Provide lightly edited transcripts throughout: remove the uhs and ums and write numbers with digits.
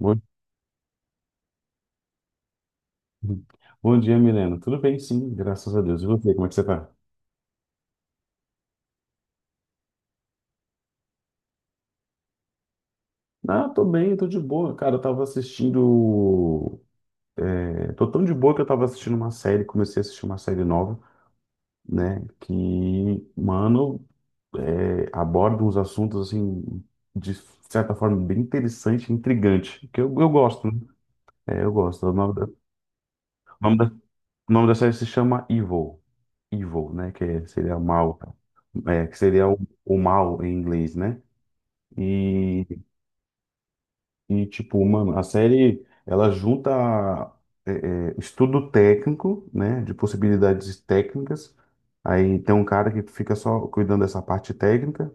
Bom, bom dia, Milena. Tudo bem, sim, graças a Deus. E você, como é que você tá? Ah, tô bem, tô de boa. Cara, eu tava assistindo. Tô tão de boa que eu tava assistindo uma série, comecei a assistir uma série nova, né? Mano, Aborda uns assuntos, assim, de certa forma, bem interessante, intrigante. Que eu gosto, né? É, eu gosto. Nome da, o nome da série se chama Evil. Evil, né? Seria mal. É, que seria o mal em inglês, né? E, tipo, mano, a série ela junta é, estudo técnico, né, de possibilidades técnicas. Aí tem um cara que fica só cuidando dessa parte técnica.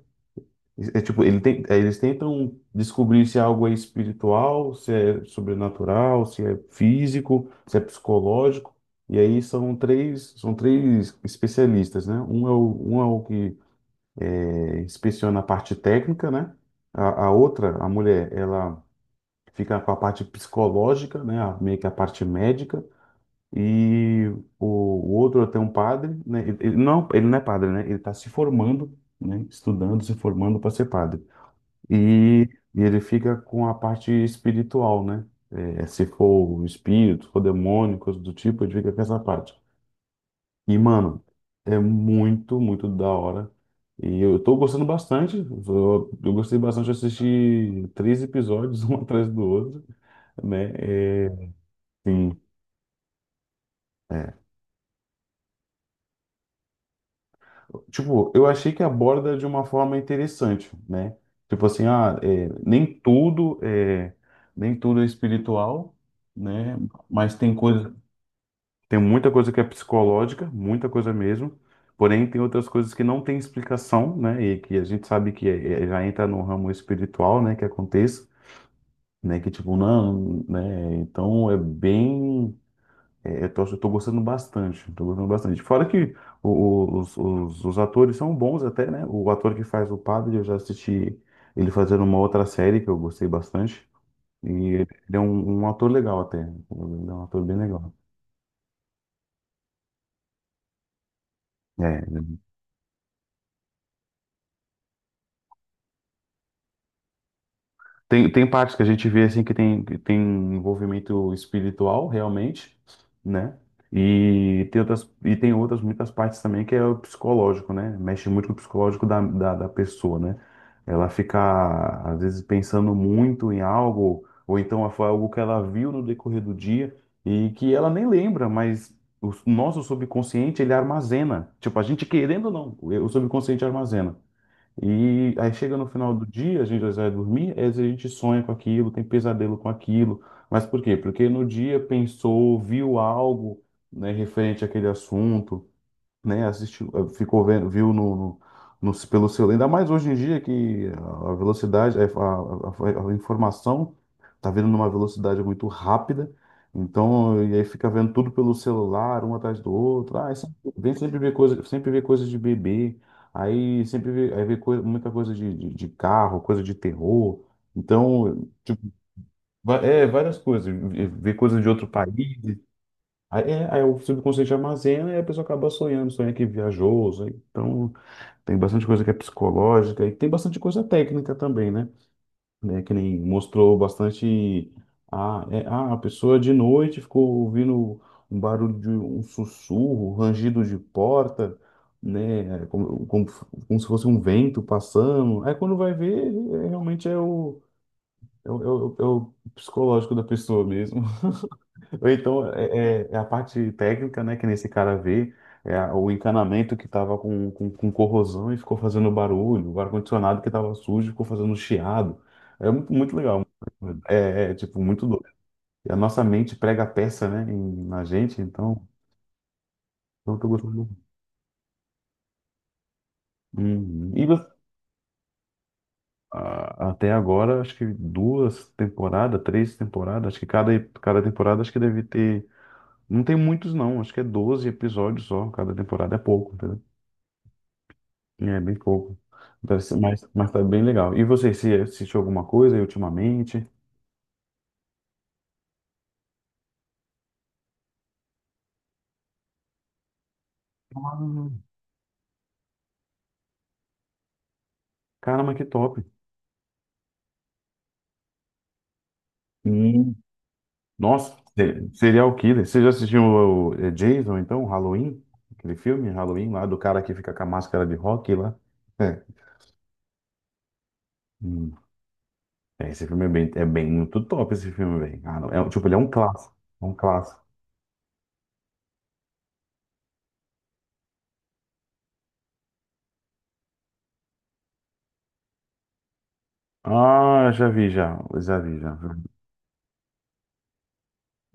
É tipo, eles tentam descobrir se é algo é espiritual, se é sobrenatural, se é físico, se é psicológico. E aí são três especialistas, né? Um é o que inspeciona a parte técnica, né? A outra, a mulher, ela fica com a parte psicológica, né, meio que a parte médica, e o outro tem um padre, né, ele não é padre, né, ele está se formando, né, estudando, se formando para ser padre, e, e ele fica com a parte espiritual, né, é, se for espírito, for demônio, coisa do tipo, ele fica com essa parte. E, mano, é muito da hora. E eu tô gostando bastante. Eu gostei bastante de assistir três episódios, um atrás do outro, né? é, Sim, é. Tipo, eu achei que aborda de uma forma interessante, né? Tipo assim, ah, é, nem tudo é espiritual, né? Mas tem tem muita coisa que é psicológica, muita coisa mesmo. Porém, tem outras coisas que não tem explicação, né? E que a gente sabe que já entra no ramo espiritual, né? Que aconteça, né? Que tipo, não, né? Então é bem. É, eu tô gostando bastante, tô gostando bastante. Fora que os atores são bons até, né? O ator que faz o padre, eu já assisti ele fazendo uma outra série que eu gostei bastante. E ele é um ator legal até. Ele é um ator bem legal. É, Tem, tem partes que a gente vê assim que tem envolvimento espiritual realmente, né? E e tem outras muitas partes também que é o psicológico, né? Mexe muito com o psicológico da pessoa, né? Ela fica, às vezes, pensando muito em algo, ou então foi algo que ela viu no decorrer do dia e que ela nem lembra, mas o nosso subconsciente, ele armazena. Tipo, a gente querendo ou não, o subconsciente armazena. E aí chega no final do dia, a gente às vezes vai dormir, às vezes a gente sonha com aquilo, tem pesadelo com aquilo. Mas por quê? Porque no dia pensou, viu algo, né, referente àquele assunto, né? Assistiu, ficou vendo, viu pelo celular. Ainda mais hoje em dia que a velocidade, a informação tá vindo numa velocidade muito rápida. Então, e aí fica vendo tudo pelo celular, um atrás do outro. Ah, vem sempre ver coisa, sempre ver coisas de bebê. Aí vê coisa, muita coisa de carro, coisa de terror. Então, tipo, é várias coisas. Ver coisas de outro país. Aí o subconsciente armazena e a pessoa acaba sonhando, sonha que viajou, sonha- então tem bastante coisa que é psicológica e tem bastante coisa técnica também, né? Né, que nem mostrou bastante a pessoa de noite ficou ouvindo um barulho de um sussurro, rangido de porta, né? É, como se fosse um vento passando. Aí quando vai ver, é, realmente é o psicológico da pessoa mesmo. Ou então é a parte técnica, né, que nesse cara vê, é o encanamento que estava com corrosão e ficou fazendo barulho, o ar-condicionado que estava sujo ficou fazendo chiado. É muito, muito legal. Tipo, muito doido. E a nossa mente prega a peça, né, na gente, então, então eu tô gostando. Uhum. Até agora, acho que duas temporadas, três temporadas, acho que cada temporada acho que deve ter. Não tem muitos, não, acho que é 12 episódios só, cada temporada é pouco. É bem pouco. Mas tá bem legal. E você, se assistiu alguma coisa aí ultimamente? Ah, caramba, que top. Hum. Nossa, Serial Killer. Você já assistiu o Jason, então, Halloween? Aquele filme, Halloween, lá do cara que fica com a máscara de rock lá. É. Hum. É, esse filme é bem muito top, esse filme, velho. Ah, não, é, um, tipo, ele é um clássico. É um clássico. Ah, já vi, já. Já vi, já.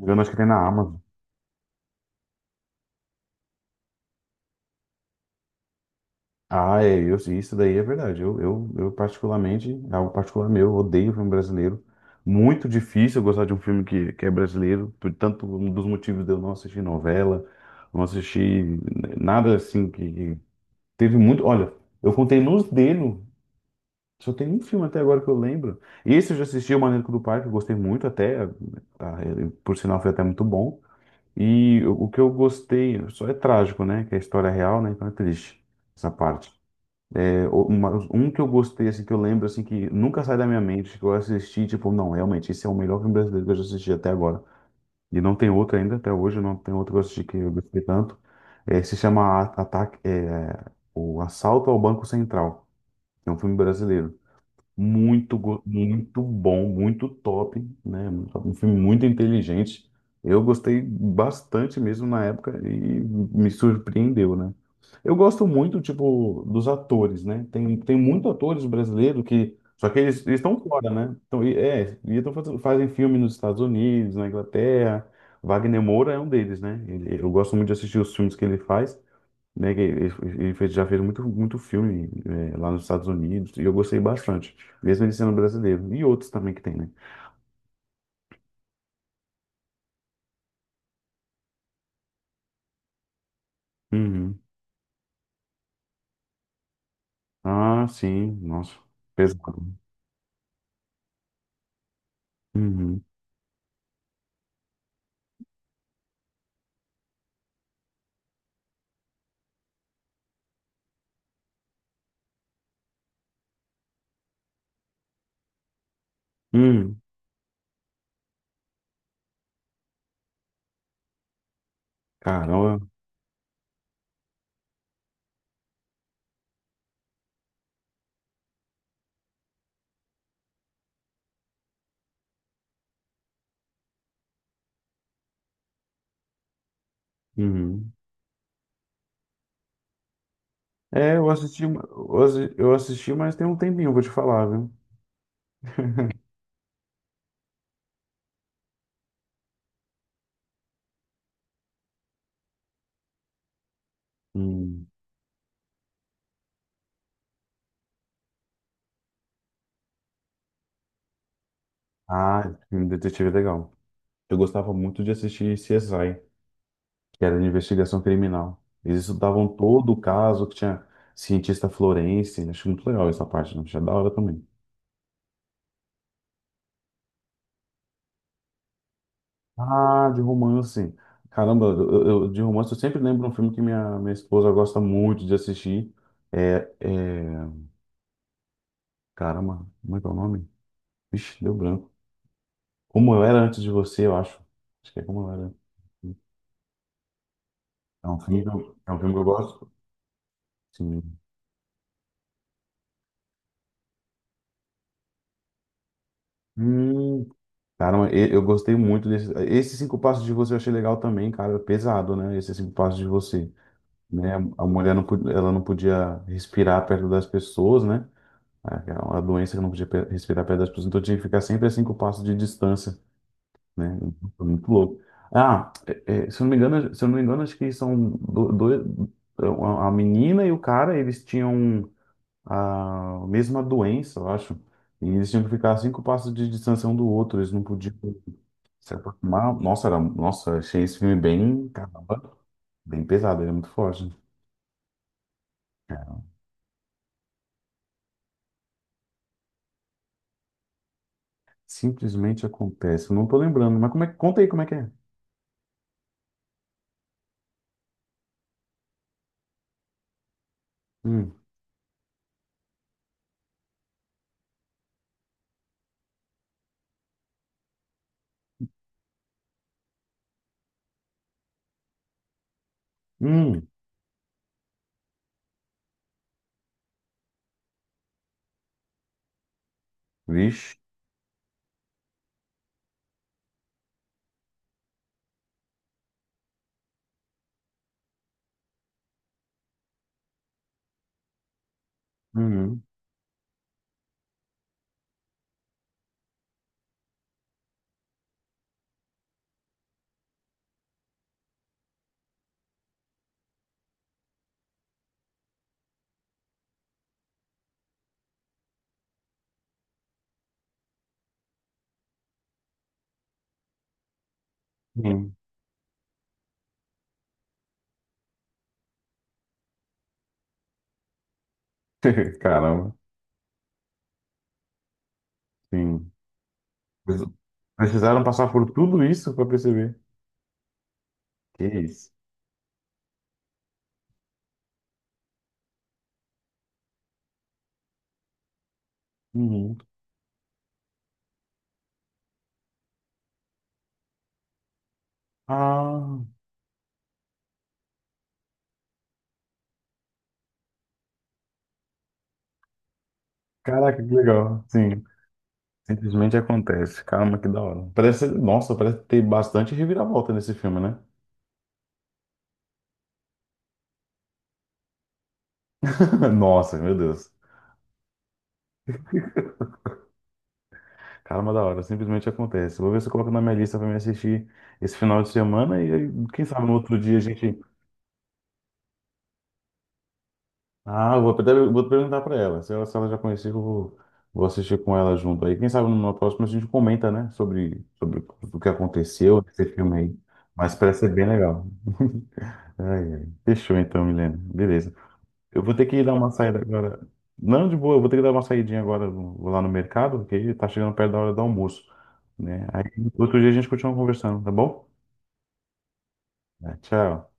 Eu acho que tem na Amazon. Ah, é, isso daí é verdade. Eu particularmente, é algo particular meu, eu odeio filme brasileiro. Muito difícil eu gostar de um filme que é brasileiro, por tanto um dos motivos de eu não assistir novela, não assistir nada assim que teve muito. Olha, eu contei nos dedos, só tem um filme até agora que eu lembro. Esse eu já assisti, O Maníaco do Parque, eu gostei muito até, tá, ele, por sinal foi até muito bom. E o que eu gostei, só é trágico, né? Que é a história real, né? Então é triste essa parte. Um que eu gostei, assim, que eu lembro, assim, que nunca sai da minha mente, que eu assisti, tipo, não, realmente, esse é o melhor filme brasileiro que eu já assisti até agora. E não tem outro ainda, até hoje, não tem outro que eu assisti que eu gostei tanto. É, se chama O Assalto ao Banco Central. É um filme brasileiro. Muito bom, muito top, né? Um filme muito inteligente. Eu gostei bastante mesmo na época e me surpreendeu, né? Eu gosto muito, tipo, dos atores, né? Tem muitos atores brasileiros que. Só que eles estão fora, né? Então, fazem filme nos Estados Unidos, na Inglaterra. Wagner Moura é um deles, né? Eu gosto muito de assistir os filmes que ele faz, né? Que ele, já fez muito, muito filme, é, lá nos Estados Unidos e eu gostei bastante, mesmo ele sendo brasileiro. E outros também que tem, né? Uhum. Ah, sim, nossa, pesado. Uhum. Uhum. Caramba. Uhum. É, eu assisti, mas tem um tempinho, vou te falar, viu? Hum. Ah, esse filme detetive é legal. Eu gostava muito de assistir CSI. Que era de investigação criminal. Eles estudavam todo o caso que tinha cientista florense. Acho muito legal essa parte, né? Achei da hora também. Ah, de romance. Caramba, de romance eu sempre lembro um filme que minha esposa gosta muito de assistir. É, é... Caramba, como é que é o nome? Vixe, deu branco. Como eu era antes de você, eu acho. Acho que é como eu era. É um filme que eu gosto. Sim. Hum, cara, mas eu gostei muito desse. Esses cinco passos de você eu achei legal também, cara. Pesado, né? Esses cinco passos de você, né? A mulher não, ela não podia respirar perto das pessoas, né? É uma doença que não podia respirar perto das pessoas, então tinha que ficar sempre a cinco passos de distância, né? Foi muito louco. Ah, se eu não me engano, se eu não me engano, acho que são dois, a menina e o cara, eles tinham a mesma doença, eu acho. E eles tinham que ficar a cinco passos de distância um do outro, eles não podiam. Nossa, era, nossa, achei esse filme bem, caramba, bem pesado, ele é muito forte. Cara. Simplesmente acontece, eu não tô lembrando, mas como é, conta aí como é que é. Hum, hum, vixe, hum, hum. Caramba, sim. Precis- Precisaram passar por tudo isso pra perceber. Que isso? Uhum. Ah, caraca, que legal. Sim, simplesmente acontece. Caramba, que da hora. Parece, nossa, parece ter bastante reviravolta nesse filme, né? Nossa, meu Deus. Caramba, da hora, simplesmente acontece. Vou ver se eu coloco na minha lista pra me assistir esse final de semana e aí, quem sabe no outro dia a gente. Ah, eu vou, vou perguntar pra ela. Se ela já conhecia, vou assistir com ela junto. Aí, quem sabe numa próxima a gente comenta, né, sobre o que aconteceu nesse filme aí. Mas parece ser bem legal. Ai, ai. Fechou então, Milena. Beleza. Eu vou ter que ir dar uma saída agora. Não, de boa, eu vou ter que dar uma saidinha agora. Vou lá no mercado, porque tá chegando perto da hora do almoço, né? Aí outro dia a gente continua conversando, tá bom? Tá, tchau.